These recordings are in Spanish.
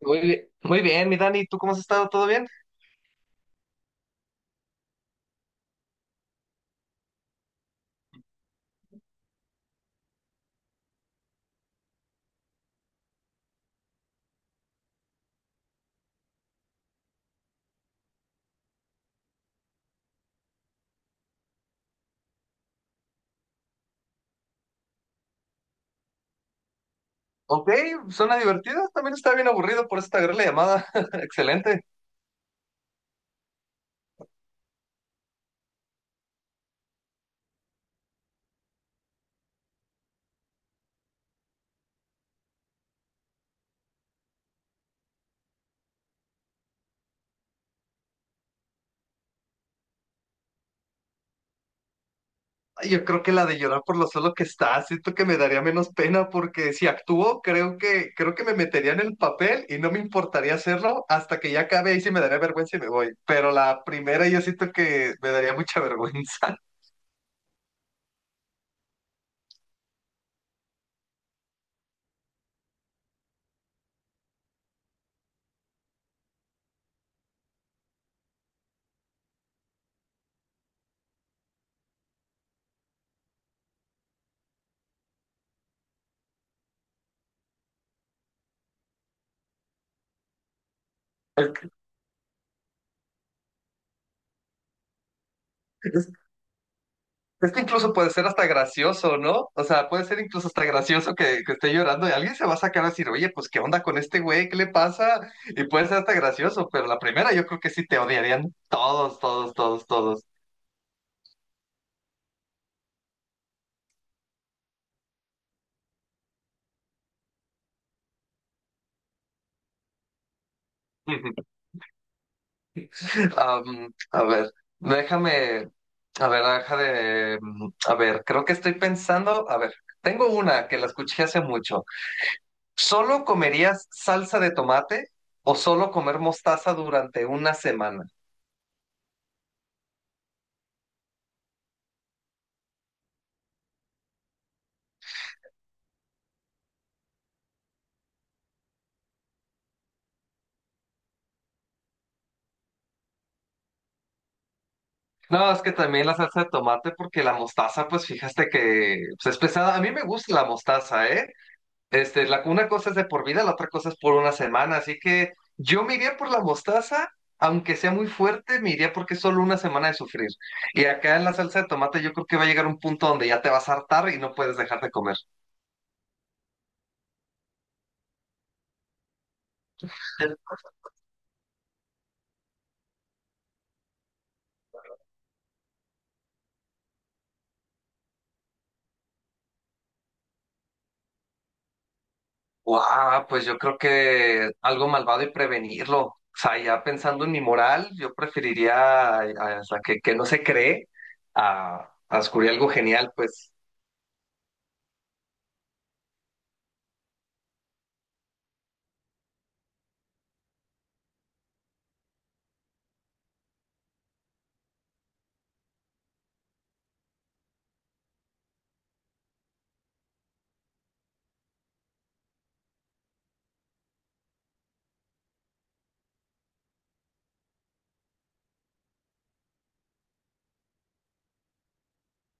Muy bien, mi Dani, ¿tú cómo has estado? ¿Todo bien? Ok, suena divertido, también está bien aburrido, por esta gran la llamada. Excelente. Ay, yo creo que la de llorar por lo solo que está, siento que me daría menos pena porque si actúo, creo que me metería en el papel y no me importaría hacerlo hasta que ya acabe y sí me daría vergüenza y me voy. Pero la primera yo siento que me daría mucha vergüenza. Es que- Es que incluso puede ser hasta gracioso, ¿no? O sea, puede ser incluso hasta gracioso que esté llorando y alguien se va a sacar a decir, oye, pues, ¿qué onda con este güey? ¿Qué le pasa? Y puede ser hasta gracioso, pero la primera yo creo que sí te odiarían todos, todos, todos, todos. A ver, déjame, a ver, deja de, a ver, creo que estoy pensando, a ver, tengo una que la escuché hace mucho. ¿Solo comerías salsa de tomate o solo comer mostaza durante una semana? No, es que también la salsa de tomate, porque la mostaza, pues fíjate que pues, es pesada. A mí me gusta la mostaza, ¿eh? Este, la, una cosa es de por vida, la otra cosa es por una semana. Así que yo me iría por la mostaza, aunque sea muy fuerte, me iría porque es solo una semana de sufrir. Y acá en la salsa de tomate, yo creo que va a llegar un punto donde ya te vas a hartar y no puedes dejar de comer. Guau, pues yo creo que algo malvado y prevenirlo. O sea, ya pensando en mi moral, yo preferiría a- o sea, que no se cree a descubrir algo genial, pues.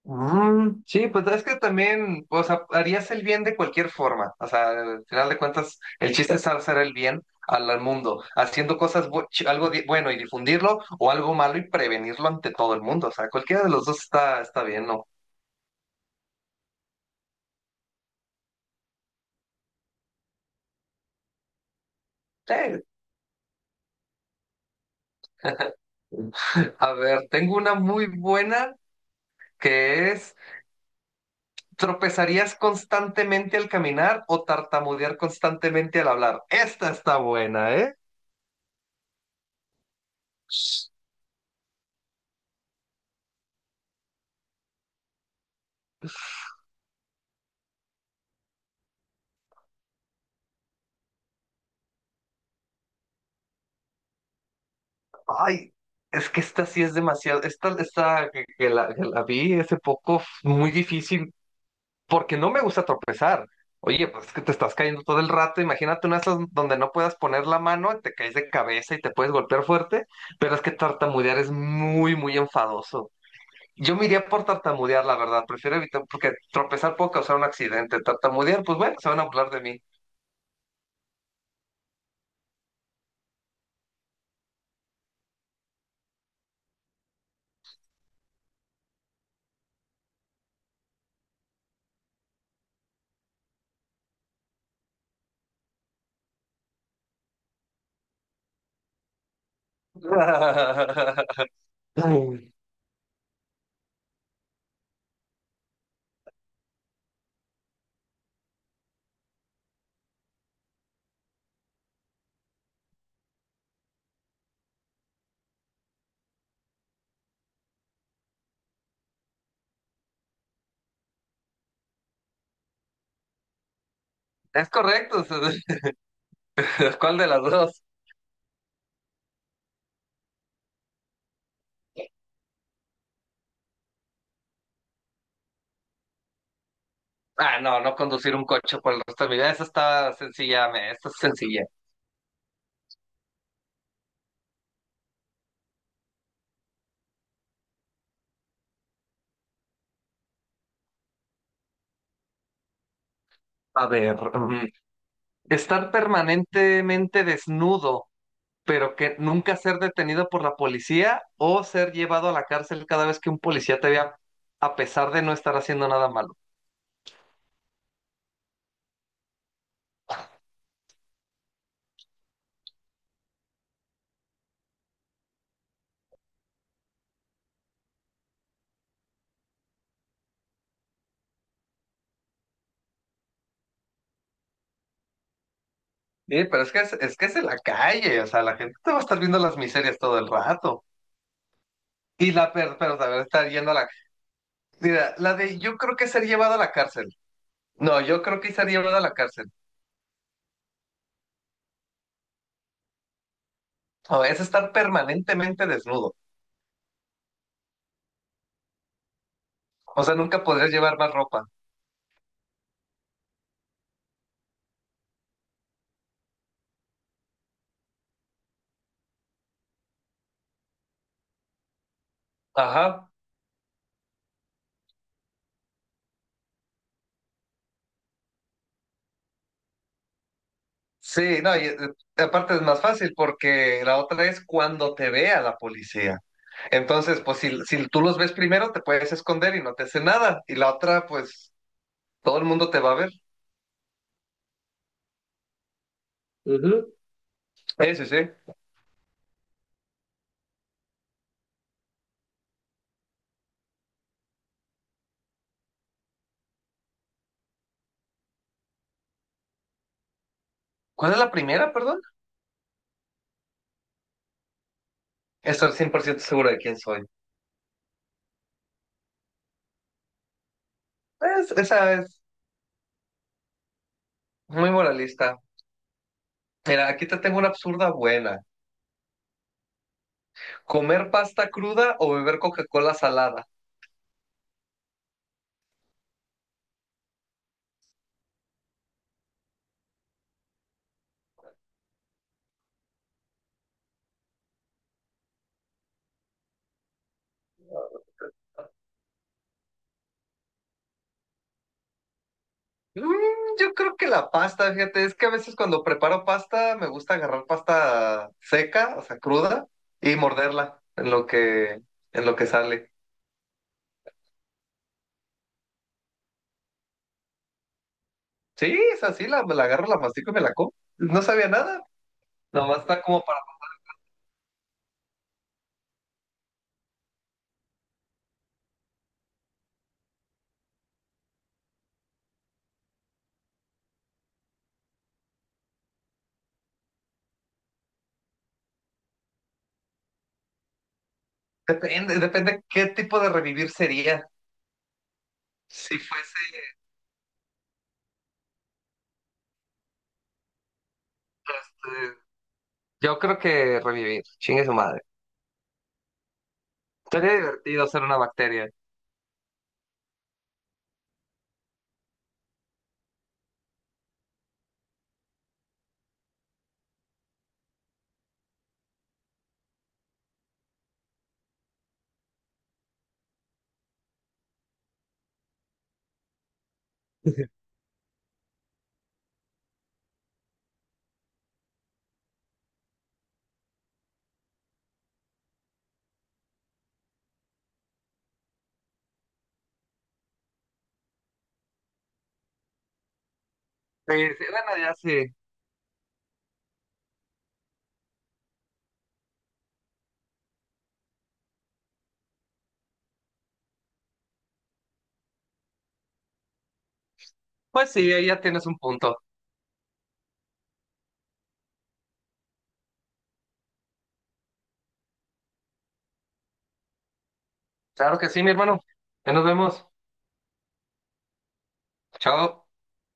Mm, sí, pues es que también, o sea, harías el bien de cualquier forma. O sea, al final de cuentas, el chiste es hacer el bien al, al mundo, haciendo cosas, bu- ch- algo di- bueno y difundirlo, o algo malo y prevenirlo ante todo el mundo. O sea, cualquiera de los dos está, está bien, ¿no? Sí. A ver, tengo una muy buena. Que es tropezarías constantemente al caminar o tartamudear constantemente al hablar. Esta está buena, ¿eh? Ay, es que esta sí es demasiado, esta que la vi hace poco, muy difícil, porque no me gusta tropezar. Oye, pues es que te estás cayendo todo el rato, imagínate una de esas donde no puedas poner la mano, te caes de cabeza y te puedes golpear fuerte, pero es que tartamudear es muy enfadoso. Yo me iría por tartamudear, la verdad. Prefiero evitar, porque tropezar puede causar un accidente. Tartamudear, pues bueno, se van a hablar de mí. Es correcto. ¿Cuál de las dos? Ah, no, no conducir un coche por el resto de mi vida. Esa está sencilla, me, esta es sencilla. A ver, mm, estar permanentemente desnudo, pero que nunca ser detenido por la policía o ser llevado a la cárcel cada vez que un policía te vea, a pesar de no estar haciendo nada malo. Sí, pero es que es en la calle, o sea, la gente te va a estar viendo las miserias todo el rato. Y la per, pero a ver estar yendo a la. Mira, la de yo creo que ser llevado a la cárcel. No, yo creo que ser llevado a la cárcel. No, es estar permanentemente desnudo. O sea, nunca podrías llevar más ropa. Ajá. Sí, no, y aparte es más fácil porque la otra es cuando te vea la policía. Entonces, pues si, si tú los ves primero, te puedes esconder y no te hace nada. Y la otra, pues todo el mundo te va a ver. Ujú. Sí, sí, sí. ¿Cuál es la primera, perdón? Estoy 100% seguro de quién soy. Es- esa es muy moralista. Mira, aquí te tengo una absurda buena. ¿Comer pasta cruda o beber Coca-Cola salada? Mm, yo creo que la pasta, fíjate, es que a veces cuando preparo pasta me gusta agarrar pasta seca, o sea, cruda, y morderla en lo en lo que sale. Sí, es así, la agarro, la mastico y me la como. No sabía nada. Nomás está como para... Depende, depende qué tipo de revivir sería. Si fuese este, yo creo que revivir, chingue su madre. Sería divertido ser una bacteria. Sí, sí, bueno, ya sí. Pues sí, ahí ya tienes un punto. Claro que sí, mi hermano. Ya nos vemos. Chao.